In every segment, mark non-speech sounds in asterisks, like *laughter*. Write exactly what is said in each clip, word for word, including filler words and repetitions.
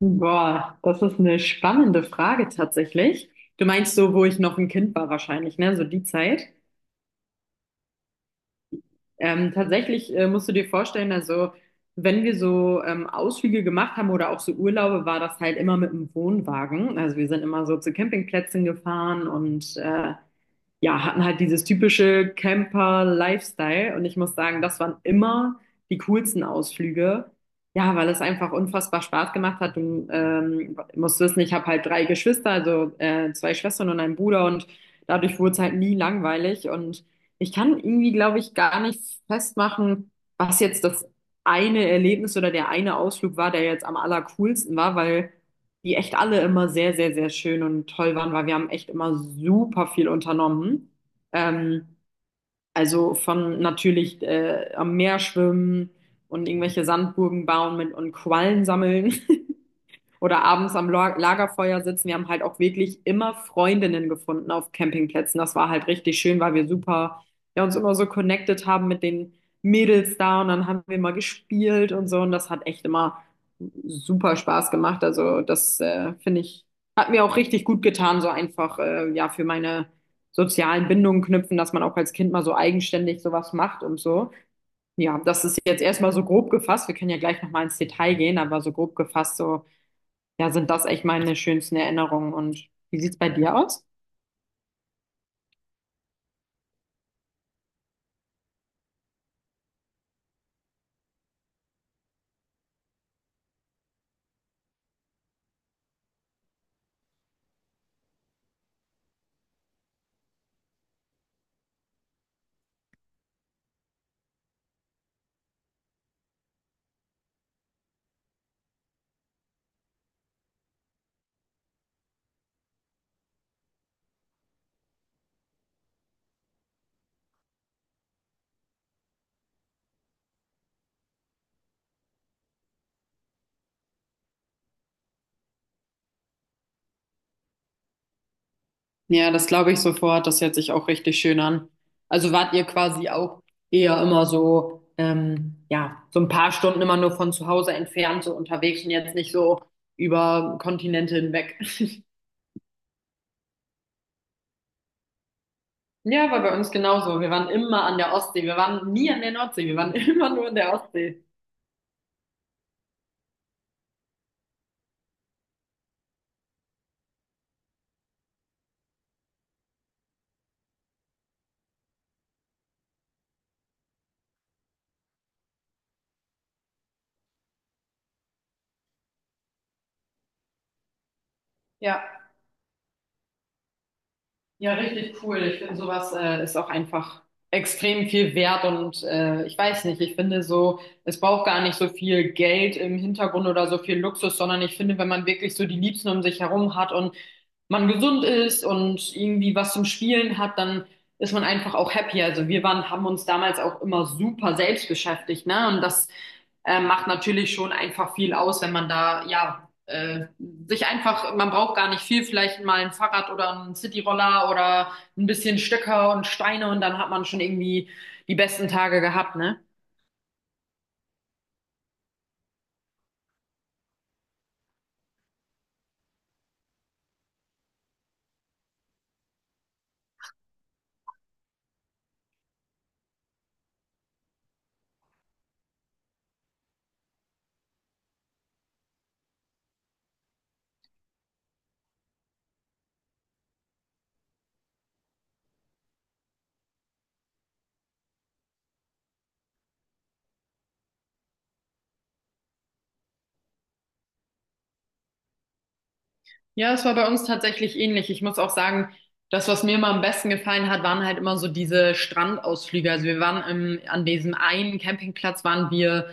Boah, das ist eine spannende Frage tatsächlich. Du meinst so, wo ich noch ein Kind war wahrscheinlich, ne? So die Zeit. Ähm, tatsächlich äh, musst du dir vorstellen, also wenn wir so ähm, Ausflüge gemacht haben oder auch so Urlaube, war das halt immer mit dem Wohnwagen. Also wir sind immer so zu Campingplätzen gefahren und äh, ja, hatten halt dieses typische Camper-Lifestyle und ich muss sagen, das waren immer die coolsten Ausflüge. Ja, weil es einfach unfassbar Spaß gemacht hat. Du ähm, musst wissen, ich habe halt drei Geschwister, also äh, zwei Schwestern und einen Bruder und dadurch wurde es halt nie langweilig und ich kann irgendwie, glaube ich, gar nicht festmachen, was jetzt das eine Erlebnis oder der eine Ausflug war, der jetzt am allercoolsten war, weil die echt alle immer sehr, sehr, sehr schön und toll waren, weil wir haben echt immer super viel unternommen. Ähm, also von natürlich äh, am Meer schwimmen und irgendwelche Sandburgen bauen mit und Quallen sammeln oder abends am La- Lagerfeuer sitzen. Wir haben halt auch wirklich immer Freundinnen gefunden auf Campingplätzen. Das war halt richtig schön, weil wir super, ja, uns immer so connected haben mit den Mädels da und dann haben wir mal gespielt und so und das hat echt immer super Spaß gemacht. Also das äh, finde ich, hat mir auch richtig gut getan, so einfach, äh, ja, für meine sozialen Bindungen knüpfen, dass man auch als Kind mal so eigenständig sowas macht und so. Ja, das ist jetzt erstmal so grob gefasst. Wir können ja gleich nochmal ins Detail gehen, aber so grob gefasst, so ja, sind das echt meine schönsten Erinnerungen. Und wie sieht's bei dir aus? Ja, das glaube ich sofort. Das hört sich auch richtig schön an. Also wart ihr quasi auch eher immer so, ähm, ja, so ein paar Stunden immer nur von zu Hause entfernt, so unterwegs und jetzt nicht so über Kontinente hinweg. *laughs* Ja, war bei uns genauso. Wir waren immer an der Ostsee. Wir waren nie an der Nordsee. Wir waren *laughs* immer nur an der Ostsee. Ja. Ja, richtig cool. Ich finde, sowas äh, ist auch einfach extrem viel wert und äh, ich weiß nicht, ich finde so, es braucht gar nicht so viel Geld im Hintergrund oder so viel Luxus, sondern ich finde, wenn man wirklich so die Liebsten um sich herum hat und man gesund ist und irgendwie was zum Spielen hat, dann ist man einfach auch happy. Also wir waren, haben uns damals auch immer super selbst beschäftigt, ne? Und das äh, macht natürlich schon einfach viel aus, wenn man da, ja, äh, sich einfach, man braucht gar nicht viel, vielleicht mal ein Fahrrad oder einen Cityroller oder ein bisschen Stöcker und Steine und dann hat man schon irgendwie die besten Tage gehabt, ne? Ja, es war bei uns tatsächlich ähnlich. Ich muss auch sagen, das, was mir immer am besten gefallen hat, waren halt immer so diese Strandausflüge. Also wir waren im, an diesem einen Campingplatz waren wir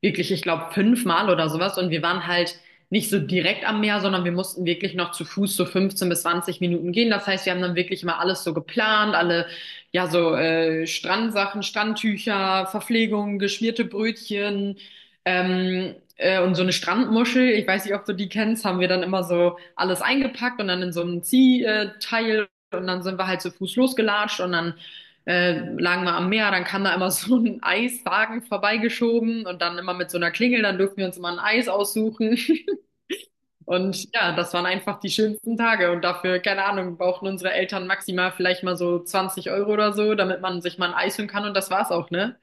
wirklich, ich glaube, fünfmal oder sowas. Und wir waren halt nicht so direkt am Meer, sondern wir mussten wirklich noch zu Fuß so fünfzehn bis zwanzig Minuten gehen. Das heißt, wir haben dann wirklich immer alles so geplant, alle, ja, so äh, Strandsachen, Strandtücher, Verpflegung, geschmierte Brötchen. Ähm, äh, und so eine Strandmuschel, ich weiß nicht, ob du die kennst, haben wir dann immer so alles eingepackt und dann in so einem Ziehteil und dann sind wir halt zu Fuß losgelatscht und dann äh, lagen wir am Meer, dann kam da immer *laughs* so ein Eiswagen vorbeigeschoben und dann immer mit so einer Klingel, dann durften wir uns immer ein Eis aussuchen. *laughs* Und ja, das waren einfach die schönsten Tage. Und dafür, keine Ahnung, brauchten unsere Eltern maximal vielleicht mal so zwanzig Euro oder so, damit man sich mal ein Eis holen kann. Und das war's auch, ne?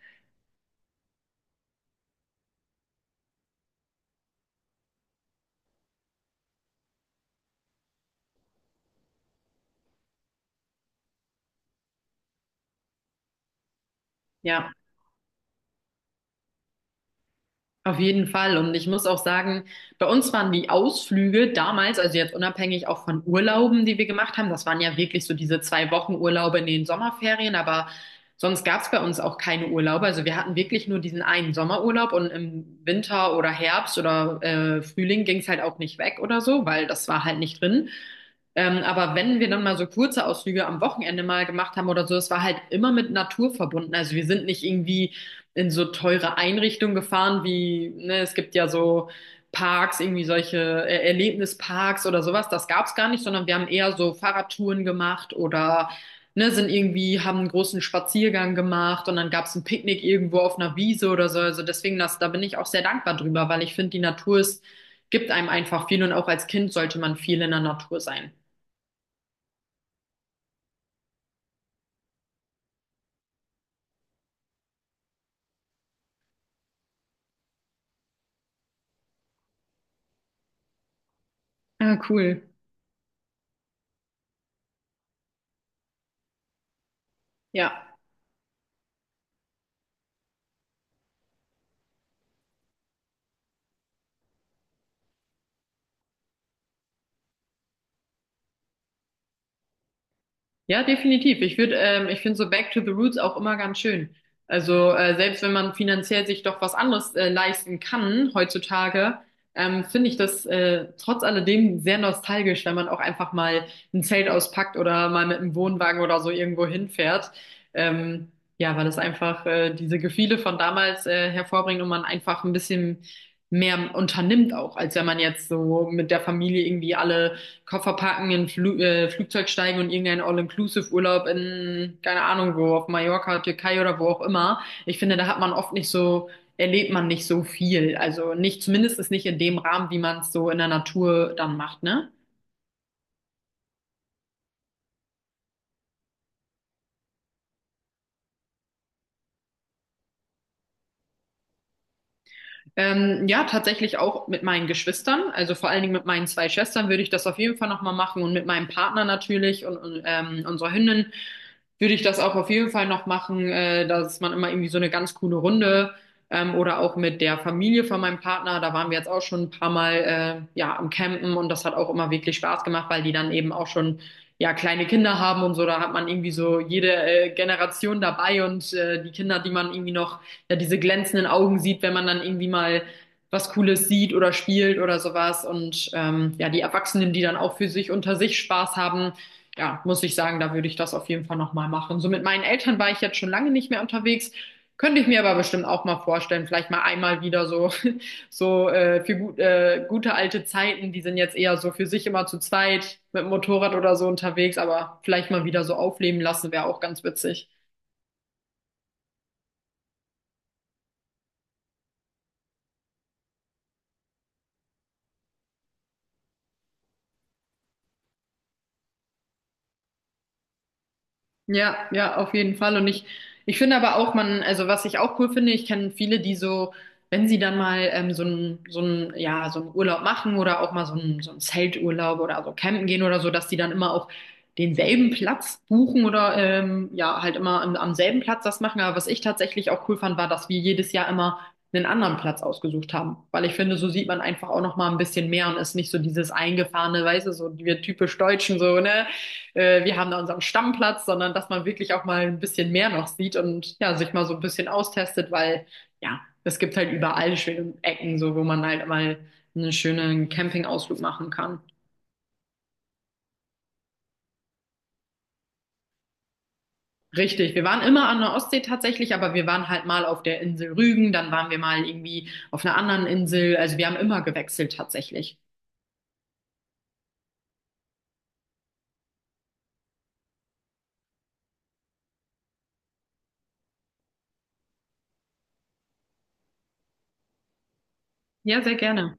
Ja. Auf jeden Fall. Und ich muss auch sagen, bei uns waren die Ausflüge damals, also jetzt unabhängig auch von Urlauben, die wir gemacht haben, das waren ja wirklich so diese zwei Wochen Urlaube in den Sommerferien, aber sonst gab es bei uns auch keine Urlaube. Also wir hatten wirklich nur diesen einen Sommerurlaub und im Winter oder Herbst oder äh, Frühling ging es halt auch nicht weg oder so, weil das war halt nicht drin. Ähm, aber wenn wir dann mal so kurze Ausflüge am Wochenende mal gemacht haben oder so, es war halt immer mit Natur verbunden. Also wir sind nicht irgendwie in so teure Einrichtungen gefahren, wie, ne, es gibt ja so Parks, irgendwie solche äh, Erlebnisparks oder sowas. Das gab's gar nicht, sondern wir haben eher so Fahrradtouren gemacht oder ne, sind irgendwie, haben einen großen Spaziergang gemacht und dann gab's ein Picknick irgendwo auf einer Wiese oder so. Also deswegen, das, da bin ich auch sehr dankbar drüber, weil ich finde, die Natur ist, gibt einem einfach viel und auch als Kind sollte man viel in der Natur sein. Ah, cool. Ja. Ja, definitiv. Ich würde, ähm, ich finde so Back to the Roots auch immer ganz schön. Also äh, selbst wenn man finanziell sich doch was anderes äh, leisten kann heutzutage, ähm, finde ich das äh, trotz alledem sehr nostalgisch, wenn man auch einfach mal ein Zelt auspackt oder mal mit einem Wohnwagen oder so irgendwo hinfährt. Ähm, ja, weil das einfach äh, diese Gefühle von damals äh, hervorbringt und man einfach ein bisschen mehr unternimmt auch, als wenn man jetzt so mit der Familie irgendwie alle Koffer packen, in Flu äh, Flugzeug steigen und irgendeinen All-Inclusive-Urlaub in, keine Ahnung wo, auf Mallorca, Türkei oder wo auch immer. Ich finde, da hat man oft nicht so, erlebt man nicht so viel. Also nicht, zumindest ist nicht in dem Rahmen, wie man es so in der Natur dann macht, ne? Ähm, ja, tatsächlich auch mit meinen Geschwistern, also vor allen Dingen mit meinen zwei Schwestern würde ich das auf jeden Fall nochmal machen und mit meinem Partner natürlich und, und ähm, unserer Hündin würde ich das auch auf jeden Fall noch machen, äh, dass man immer irgendwie so eine ganz coole Runde ähm, oder auch mit der Familie von meinem Partner, da waren wir jetzt auch schon ein paar Mal äh, ja am Campen und das hat auch immer wirklich Spaß gemacht, weil die dann eben auch schon ja kleine Kinder haben und so, da hat man irgendwie so jede äh, Generation dabei und äh, die Kinder, die man irgendwie noch ja diese glänzenden Augen sieht, wenn man dann irgendwie mal was Cooles sieht oder spielt oder sowas. Und ähm, ja, die Erwachsenen, die dann auch für sich unter sich Spaß haben, ja, muss ich sagen, da würde ich das auf jeden Fall nochmal machen. So mit meinen Eltern war ich jetzt schon lange nicht mehr unterwegs. Könnte ich mir aber bestimmt auch mal vorstellen, vielleicht mal einmal wieder so, *laughs* so äh, für gut, äh, gute alte Zeiten, die sind jetzt eher so für sich immer zu zweit mit dem Motorrad oder so unterwegs, aber vielleicht mal wieder so aufleben lassen, wäre auch ganz witzig. Ja, ja, auf jeden Fall. Und ich, ich finde aber auch, man, also was ich auch cool finde, ich kenne viele, die so, wenn sie dann mal ähm, so ein, so ein, ja, so einen Urlaub machen oder auch mal so ein, so ein Zelturlaub oder so campen gehen oder so, dass die dann immer auch denselben Platz buchen oder ähm, ja, halt immer am, am selben Platz das machen. Aber was ich tatsächlich auch cool fand, war, dass wir jedes Jahr immer einen anderen Platz ausgesucht haben. Weil ich finde, so sieht man einfach auch noch mal ein bisschen mehr und ist nicht so dieses eingefahrene, weißt du, so wir typisch Deutschen so, ne? Äh, wir haben da unseren Stammplatz, sondern dass man wirklich auch mal ein bisschen mehr noch sieht und ja, sich mal so ein bisschen austestet, weil ja, es gibt halt überall schöne Ecken, so wo man halt mal einen schönen Campingausflug machen kann. Richtig, wir waren immer an der Ostsee tatsächlich, aber wir waren halt mal auf der Insel Rügen, dann waren wir mal irgendwie auf einer anderen Insel. Also wir haben immer gewechselt tatsächlich. Ja, sehr gerne.